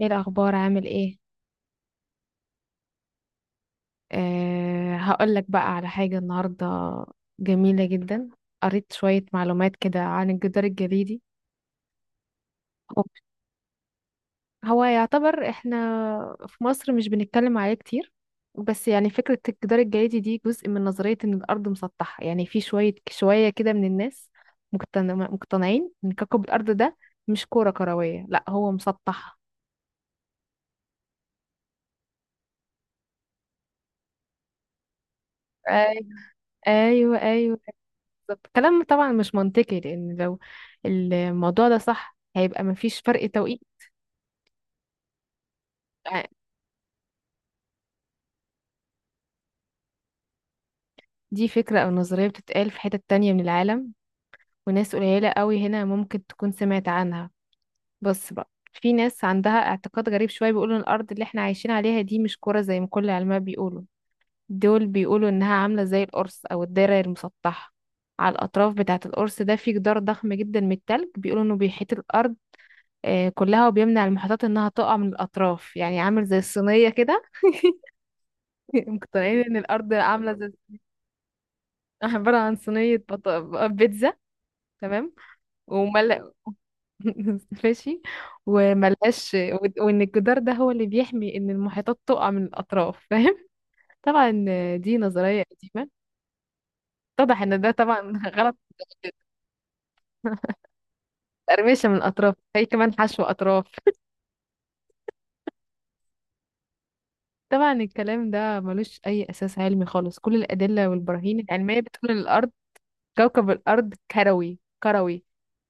ايه الاخبار، عامل ايه؟ أه، هقول لك بقى على حاجه النهارده جميله جدا. قريت شويه معلومات كده عن الجدار الجليدي. هو هو يعتبر احنا في مصر مش بنتكلم عليه كتير. بس يعني فكره الجدار الجليدي دي جزء من نظريه ان الارض مسطحه، يعني في شويه شويه كده من الناس مقتنعين ان كوكب الارض ده مش كره كرويه، لا هو مسطح. ايوه، ايوه، ايوه، بالظبط. كلام طبعا مش منطقي، لان لو الموضوع ده صح هيبقى مفيش فرق توقيت. ع- دي فكرة او نظرية بتتقال في حتت تانية من العالم، وناس قليلة قوي هنا ممكن تكون سمعت عنها. بس بقى في ناس عندها اعتقاد غريب شوية، بيقولوا ان الارض اللي احنا عايشين عليها دي مش كرة زي ما كل العلماء بيقولوا. دول بيقولوا انها عاملة زي القرص او الدايرة المسطحة. على الاطراف بتاعة القرص ده في جدار ضخم جدا من التلج، بيقولوا انه بيحيط الارض كلها وبيمنع المحيطات انها تقع من الاطراف، يعني عامل زي الصينيه كده. مقتنعين ان الارض عامله زي عباره عن صينيه بيتزا. تمام. ومل ماشي. وملهاش وان الجدار ده هو اللي بيحمي ان المحيطات تقع من الاطراف، فاهم. طبعا دي نظريه قديمه، اتضح ان ده طبعا غلط. تقرمشة من الأطراف هي كمان حشو أطراف. طبعا الكلام ده ملوش أي أساس علمي خالص. كل الأدلة والبراهين العلمية بتقول إن الأرض، كوكب الأرض، كروي كروي،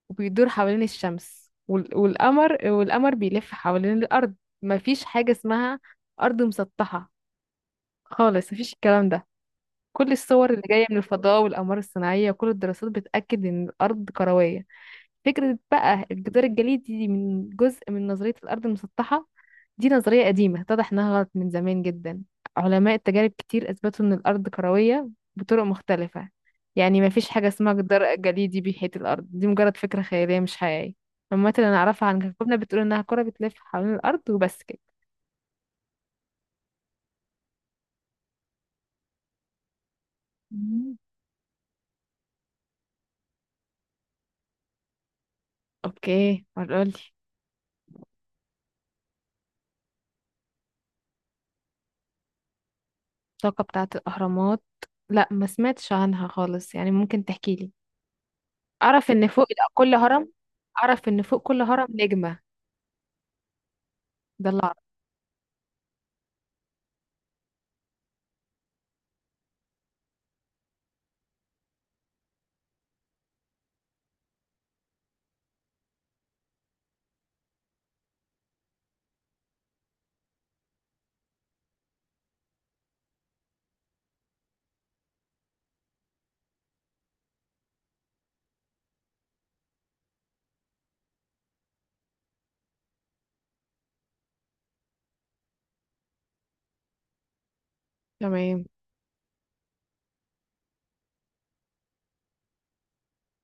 وبيدور حوالين الشمس والقمر، والقمر بيلف حوالين الأرض. مفيش حاجة اسمها أرض مسطحة خالص. مفيش الكلام ده. كل الصور اللي جاية من الفضاء والأقمار الصناعية وكل الدراسات بتأكد إن الأرض كروية. فكرة بقى الجدار الجليدي دي من جزء من نظرية الأرض المسطحة. دي نظرية قديمة اتضح إنها غلط من زمان جدا. علماء التجارب كتير أثبتوا إن الأرض كروية بطرق مختلفة. يعني مفيش حاجة اسمها جدار جليدي بيحيط الأرض، دي مجرد فكرة خيالية مش حقيقية. المعلومات اللي نعرفها عن كوكبنا بتقول إنها كرة بتلف حوالين الأرض، وبس كده. مم. أوكي، قولي. الطاقة بتاعة الأهرامات؟ لا، ما سمعتش عنها خالص، يعني ممكن تحكيلي. اعرف ان فوق كل هرم، اعرف ان فوق كل هرم نجمة. ده اللي اعرفه. تمام.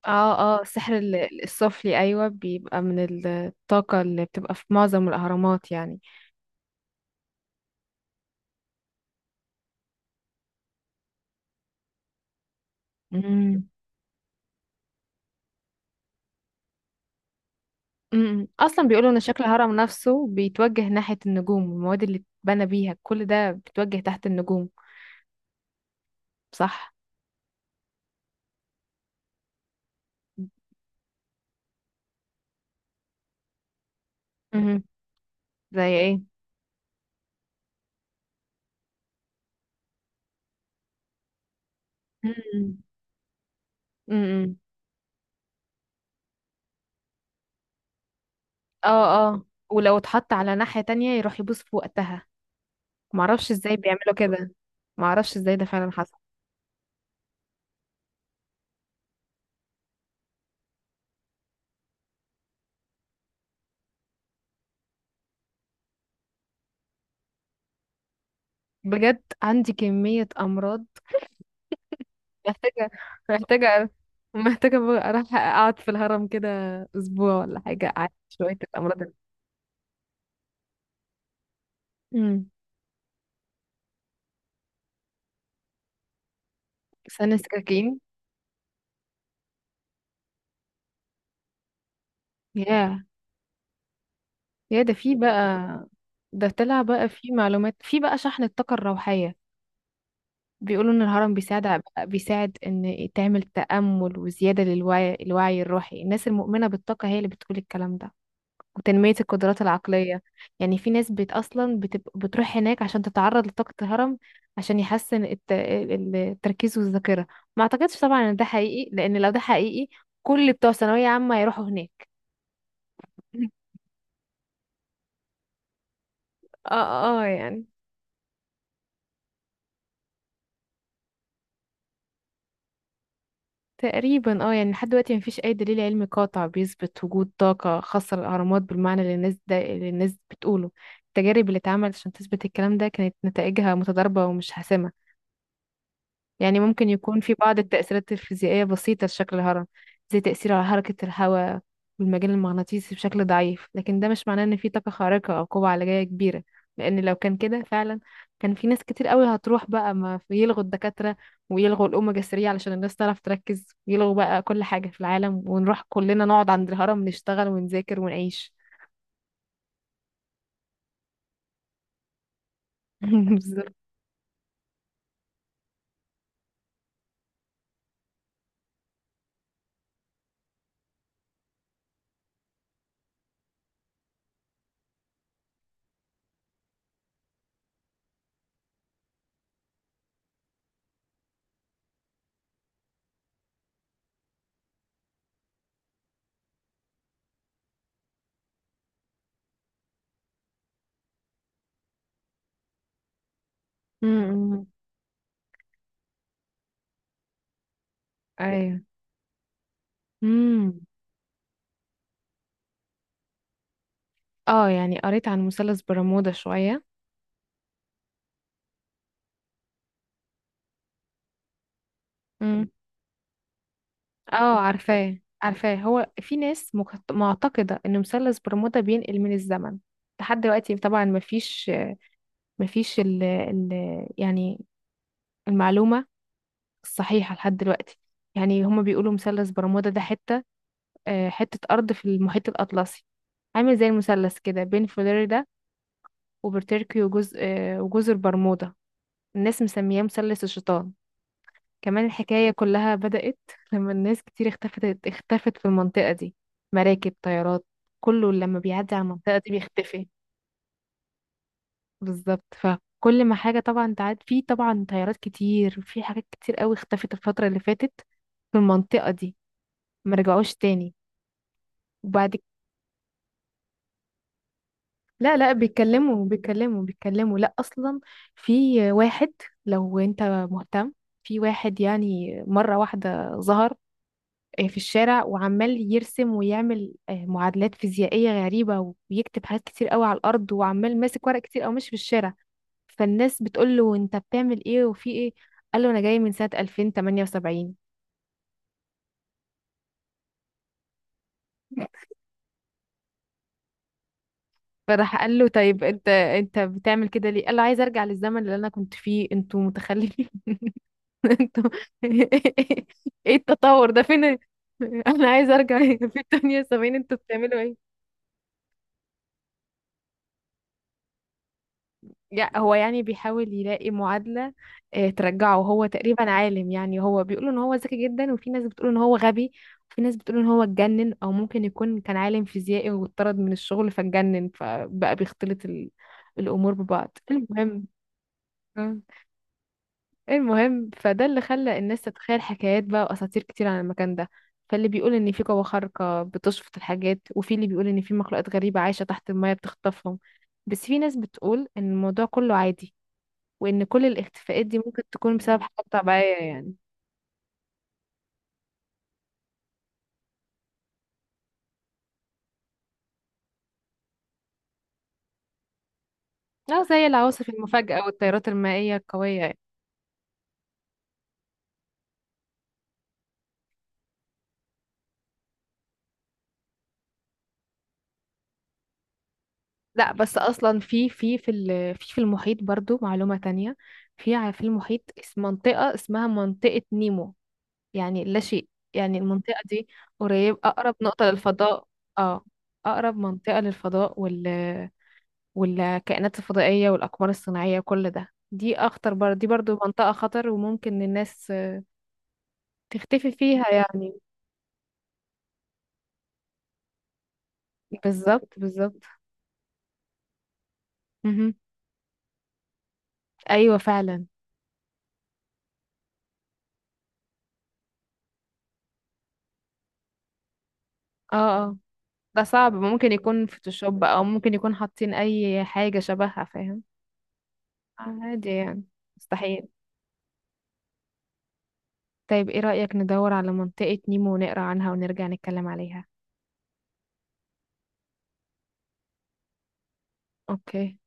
اه، اه، السحر السفلي، ايوه، بيبقى من الطاقة اللي بتبقى في معظم الاهرامات يعني. امم. اصلا بيقولوا ان شكل الهرم نفسه بيتوجه ناحية النجوم، المواد اللي اتبنى بيها كل ده بيتوجه تحت النجوم. صح. امم زي ايه؟ امم امم اه، اه، ولو اتحط على ناحية تانية يروح يبوس في وقتها. معرفش ازاي بيعملوا كده. معرفش ازاي ده فعلا حصل. بجد عندي كمية أمراض، محتاجة، محتاجة، محتاجة بقى أروح أقعد في الهرم كده أسبوع ولا حاجة أعالج شوية الأمراض دي. امم. ثانية سكاكين. ياه، يا ده في بقى، ده طلع بقى في معلومات، في بقى شحن الطاقة الروحية. بيقولوا إن الهرم بيساعد، بيساعد إن تعمل تأمل وزيادة للوعي، الوعي الروحي، الناس المؤمنة بالطاقة هي اللي بتقول الكلام ده، وتنمية القدرات العقلية. يعني في ناس أصلا بتروح هناك عشان تتعرض لطاقة الهرم، عشان يحسن التركيز والذاكرة. ما أعتقدش طبعا إن ده حقيقي، لأن لو ده حقيقي كل بتوع ثانوية عامة يروحوا هناك. اه، اه، يعني تقريبا، اه، يعني لحد دلوقتي مفيش أي دليل علمي قاطع بيثبت وجود طاقة خاصة للأهرامات بالمعنى اللي الناس بتقوله. التجارب اللي اتعملت عشان تثبت الكلام ده كانت نتائجها متضاربة ومش حاسمة. يعني ممكن يكون في بعض التأثيرات الفيزيائية بسيطة لشكل الهرم، زي تأثيره على حركة الهواء والمجال المغناطيسي بشكل ضعيف، لكن ده مش معناه إن في طاقة خارقة أو قوة علاجية كبيرة. لأن لو كان كده فعلا، كان في ناس كتير قوي هتروح بقى، ما في- يلغوا الدكاترة، ويلغوا الأوميجا 3 علشان الناس تعرف تركز، ويلغوا بقى كل حاجة في العالم، ونروح كلنا نقعد عند الهرم نشتغل ونذاكر ونعيش. بالظبط. امم. ايوه، ايوه. امم. اه، يعني قريت عن مثلث برمودا شوية. اه، عارفاه عارفاه. هو في ناس معتقدة ان مثلث برمودا بينقل من الزمن. لحد دلوقتي طبعا مفيش، مفيش ال ال يعني، المعلومة الصحيحة لحد دلوقتي. يعني هما بيقولوا مثلث برمودا ده حتة، أرض في المحيط الأطلسي، عامل زي المثلث كده بين فلوريدا وبورتوريكو وجزء آه، وجزر برمودا. الناس مسمياه مثلث الشيطان. كمان الحكاية كلها بدأت لما الناس كتير اختفت في المنطقة دي، مراكب، طيارات، كله لما بيعدي على المنطقة دي بيختفي. بالظبط، فكل ما حاجة طبعا تعد في، طبعا طيارات كتير، في حاجات كتير قوي اختفت الفترة اللي فاتت في المنطقة دي، ما رجعوش تاني. وبعد ك- لا، لا، بيتكلموا، بيتكلموا، بيتكلموا، لا، أصلا في واحد، لو انت مهتم، في واحد يعني مرة واحدة ظهر في الشارع وعمال يرسم ويعمل معادلات فيزيائية غريبة ويكتب حاجات كتير قوي على الأرض وعمال ماسك ورق كتير أو ماشي في الشارع. فالناس بتقول له أنت بتعمل إيه وفي إيه؟ قال له أنا جاي من سنة 2078. فراح قال له طيب، أنت بتعمل كده ليه؟ قال له عايز أرجع للزمن اللي أنا كنت فيه، أنتوا متخلفين. أنتوا إيه التطور ده فين؟ أنا عايز أرجع في 78، أنتوا بتعملوا إيه؟ هو يعني بيحاول يلاقي معادلة ترجعه. هو تقريبا عالم، يعني هو بيقولوا ان هو ذكي جدا، وفي ناس بتقول ان هو غبي، وفي ناس بتقول ان هو اتجنن، او ممكن يكون كان عالم فيزيائي واتطرد من الشغل فاتجنن، فبقى بيختلط الامور ببعض، آه، المهم فده اللي خلى الناس تتخيل حكايات بقى واساطير كتير عن المكان ده. فاللي بيقول ان في قوة خارقة بتشفط الحاجات، وفي اللي بيقول ان في مخلوقات غريبة عايشة تحت المية بتخطفهم. بس في ناس بتقول ان الموضوع كله عادي، وإن كل الاختفاءات دي ممكن تكون بسبب حاجات طبيعية يعني، أو زي العواصف المفاجئة والتيارات المائية القوية يعني. لا بس أصلا في في في ال- في في المحيط برضو معلومة تانية. في المحيط منطقة اسمها منطقة نيمو، يعني لا شيء، يعني المنطقة دي أقرب نقطة للفضاء. اه، أقرب منطقة للفضاء والكائنات الفضائية والأقمار الصناعية، كل ده، دي أخطر دي برضو منطقة خطر وممكن الناس تختفي فيها يعني. بالظبط، بالظبط، مهم. ايوه فعلا. اه، اه، ده صعب، ممكن يكون فوتوشوب او ممكن يكون حاطين اي حاجة شبهها، فاهم؟ عادي يعني، مستحيل. طيب ايه رأيك ندور على منطقة نيمو ونقرا عنها ونرجع نتكلم عليها؟ اوكي.